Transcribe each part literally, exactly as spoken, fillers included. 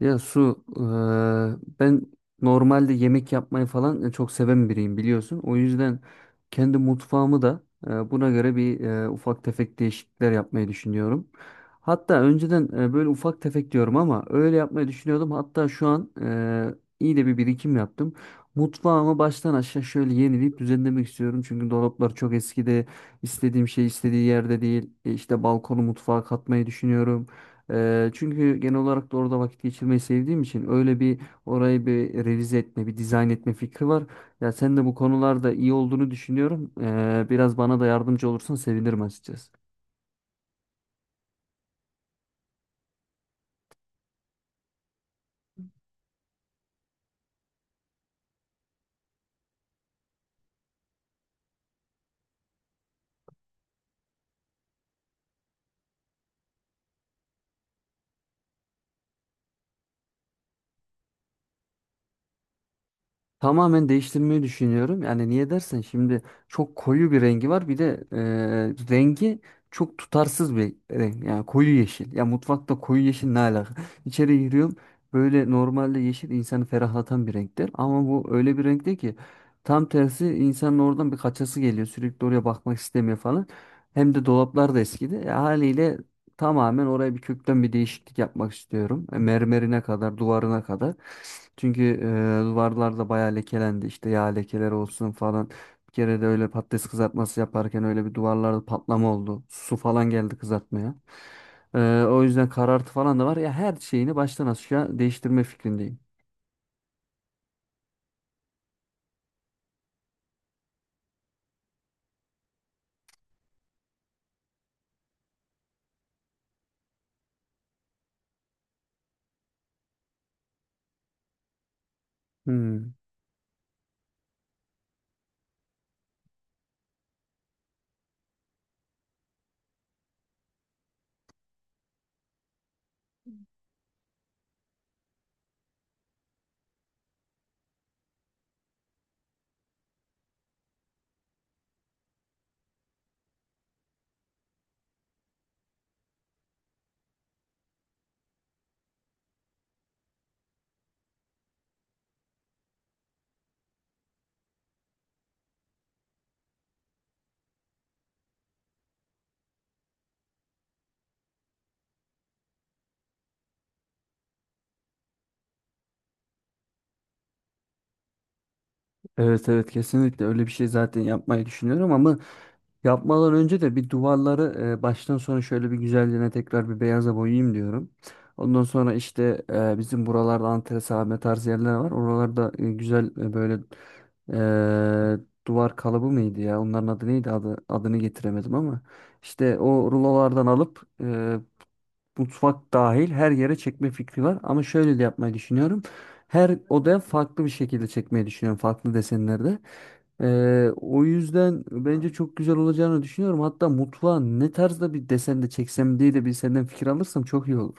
Ya Su, eee, ben normalde yemek yapmayı falan çok seven biriyim biliyorsun. O yüzden kendi mutfağımı da eee, buna göre bir eee, ufak tefek değişiklikler yapmayı düşünüyorum. Hatta önceden eee, böyle ufak tefek diyorum ama öyle yapmayı düşünüyordum. Hatta şu an eee, iyi de bir birikim yaptım. Mutfağımı baştan aşağı şöyle yenileyip düzenlemek istiyorum. Çünkü dolaplar çok eskide, istediğim şey istediği yerde değil. E, İşte balkonu mutfağa katmayı düşünüyorum. Eee, çünkü genel olarak da orada vakit geçirmeyi sevdiğim için öyle bir orayı bir revize etme, bir dizayn etme fikri var. Ya sen de bu konularda iyi olduğunu düşünüyorum. Eee, biraz bana da yardımcı olursan sevinirim açıkçası. Tamamen değiştirmeyi düşünüyorum. Yani niye dersen şimdi çok koyu bir rengi var. Bir de e, rengi çok tutarsız bir renk. Yani koyu yeşil. Ya mutfakta koyu yeşil ne alaka? İçeri giriyorum. Böyle normalde yeşil insanı ferahlatan bir renktir. Ama bu öyle bir renkte ki tam tersi insanın oradan bir kaçası geliyor. Sürekli oraya bakmak istemiyor falan. Hem de dolaplar da eskidi. E, haliyle tamamen oraya bir kökten bir değişiklik yapmak istiyorum. E, Mermerine kadar, duvarına kadar. Çünkü e, duvarlar da bayağı lekelendi. İşte yağ lekeleri olsun falan. Bir kere de öyle patates kızartması yaparken öyle bir duvarlarda patlama oldu. Su falan geldi kızartmaya. E, o yüzden karartı falan da var. Ya her şeyini baştan aşağı değiştirme fikrindeyim. Hmm. Evet, evet, kesinlikle öyle bir şey zaten yapmayı düşünüyorum ama yapmadan önce de bir duvarları e, baştan sona şöyle bir güzelliğine tekrar bir beyaza boyayayım diyorum. Ondan sonra işte e, bizim buralarda antresame tarzı yerler var. Oralarda e, güzel e, böyle e, duvar kalıbı mıydı ya? Onların adı neydi? Adı, adını getiremedim ama işte o rulolardan alıp e, mutfak dahil her yere çekme fikri var. Ama şöyle de yapmayı düşünüyorum. Her odaya farklı bir şekilde çekmeyi düşünüyorum. Farklı desenlerde. Ee, o yüzden bence çok güzel olacağını düşünüyorum. Hatta mutfağa ne tarzda bir desen de çeksem diye de bir senden fikir alırsam çok iyi olur.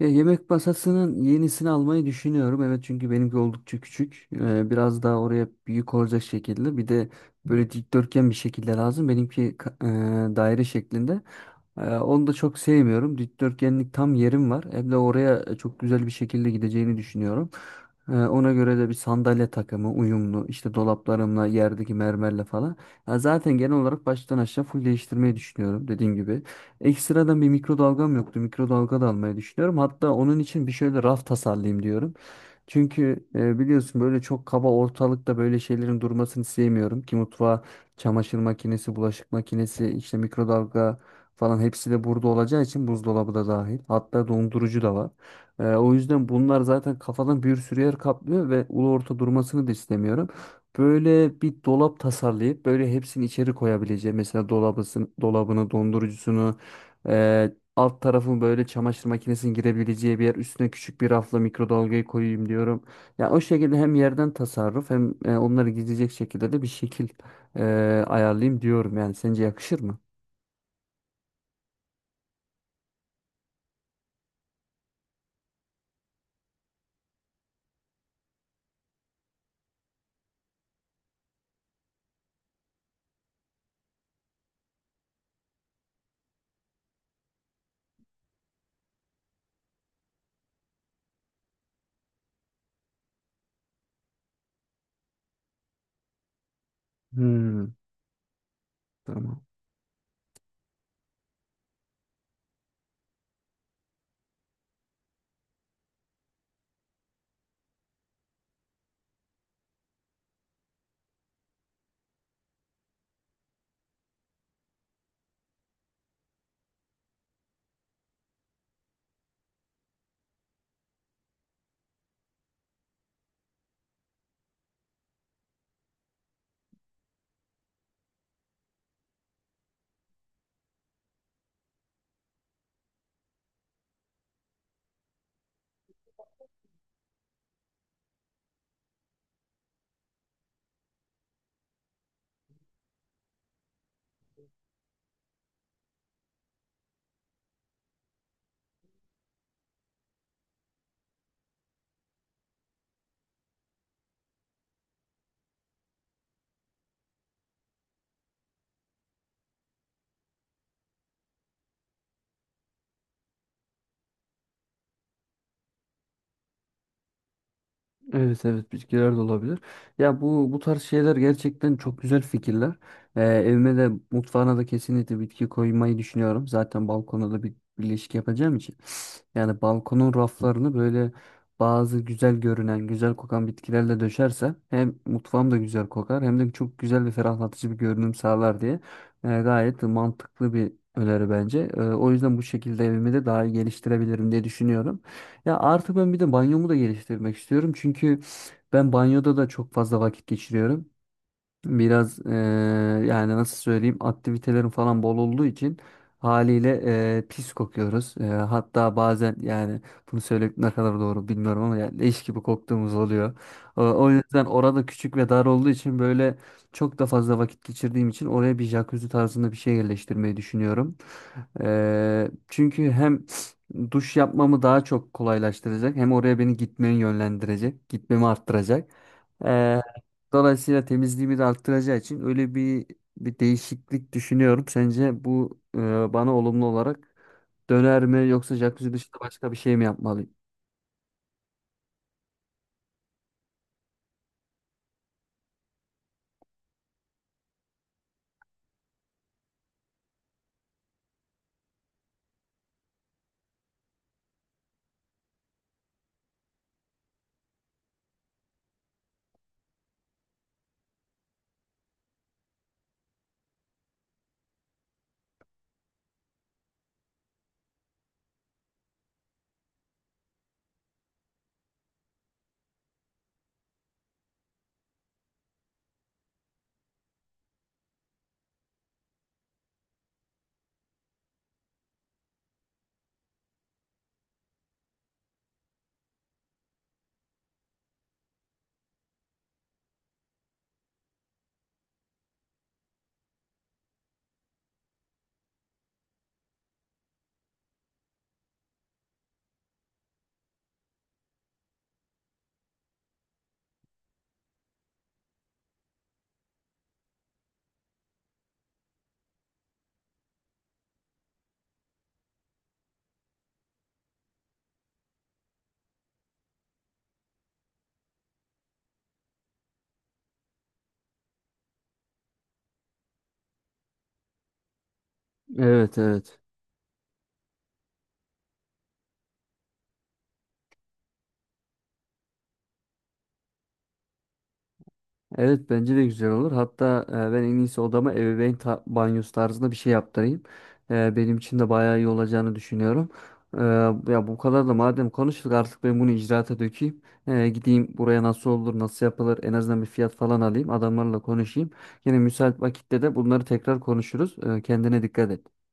Ya, yemek masasının yenisini almayı düşünüyorum. Evet, çünkü benimki oldukça küçük. Ee, biraz daha oraya büyük olacak şekilde. Bir de böyle dikdörtgen bir şekilde lazım. Benimki ka- e, daire şeklinde. Ee, onu da çok sevmiyorum. Dikdörtgenlik tam yerim var. Hem de oraya çok güzel bir şekilde gideceğini düşünüyorum. Ee, ona göre de bir sandalye takımı uyumlu. İşte dolaplarımla, yerdeki mermerle falan. Ya zaten genel olarak baştan aşağı full değiştirmeyi düşünüyorum dediğim gibi. Ekstradan bir mikrodalgam yoktu. Mikrodalga da almayı düşünüyorum. Hatta onun için bir şöyle raf tasarlayayım diyorum. Çünkü e, biliyorsun böyle çok kaba ortalıkta böyle şeylerin durmasını sevmiyorum ki mutfağa çamaşır makinesi, bulaşık makinesi, işte mikrodalga falan hepsi de burada olacağı için buzdolabı da dahil. Hatta dondurucu da var. E, o yüzden bunlar zaten kafadan bir sürü yer kaplıyor ve ulu orta durmasını da istemiyorum. Böyle bir dolap tasarlayıp böyle hepsini içeri koyabileceğim. Mesela dolabısın, dolabını, dondurucusunu, e, alt tarafın böyle çamaşır makinesinin girebileceği bir yer. Üstüne küçük bir rafla mikrodalgayı koyayım diyorum. Ya o şekilde hem yerden tasarruf hem e, onları gizleyecek şekilde de bir şekil e, ayarlayayım diyorum. Yani sence yakışır mı? Hmm, tamam. Evet, evet, bitkiler de olabilir. Ya bu bu tarz şeyler gerçekten çok güzel fikirler. Ee, evime de mutfağına da kesinlikle bitki koymayı düşünüyorum. Zaten balkona da bir bir ilişki yapacağım için. Yani balkonun raflarını böyle bazı güzel görünen, güzel kokan bitkilerle döşerse hem mutfağım da güzel kokar hem de çok güzel ve ferahlatıcı bir görünüm sağlar diye Ee, gayet mantıklı bir öneri bence. Ee, o yüzden bu şekilde evimi de daha iyi geliştirebilirim diye düşünüyorum. Ya artık ben bir de banyomu da geliştirmek istiyorum. Çünkü ben banyoda da çok fazla vakit geçiriyorum. Biraz eee, yani nasıl söyleyeyim aktivitelerin falan bol olduğu için haliyle eee, pis kokuyoruz. Eee, hatta bazen yani bunu söylemek ne kadar doğru bilmiyorum ama yani leş gibi koktuğumuz oluyor. O, o yüzden orada küçük ve dar olduğu için böyle çok da fazla vakit geçirdiğim için oraya bir jacuzzi tarzında bir şey yerleştirmeyi düşünüyorum. Eee, çünkü hem duş yapmamı daha çok kolaylaştıracak hem oraya beni gitmeyi yönlendirecek, gitmemi arttıracak. Dolayısıyla temizliğimi de arttıracağı için öyle bir bir değişiklik düşünüyorum. Sence bu e, bana olumlu olarak döner mi yoksa jacuzzi dışında başka bir şey mi yapmalıyım? Evet, evet. Evet, bence de güzel olur. Hatta e, ben en iyisi odama ebeveyn ta- banyosu tarzında bir şey yaptırayım. E, benim için de bayağı iyi olacağını düşünüyorum. E, Ya bu kadar da madem konuştuk artık ben bunu icraata dökeyim. E, gideyim buraya nasıl olur, nasıl yapılır en azından bir fiyat falan alayım. Adamlarla konuşayım. Yine müsait vakitte de bunları tekrar konuşuruz. E, kendine dikkat et.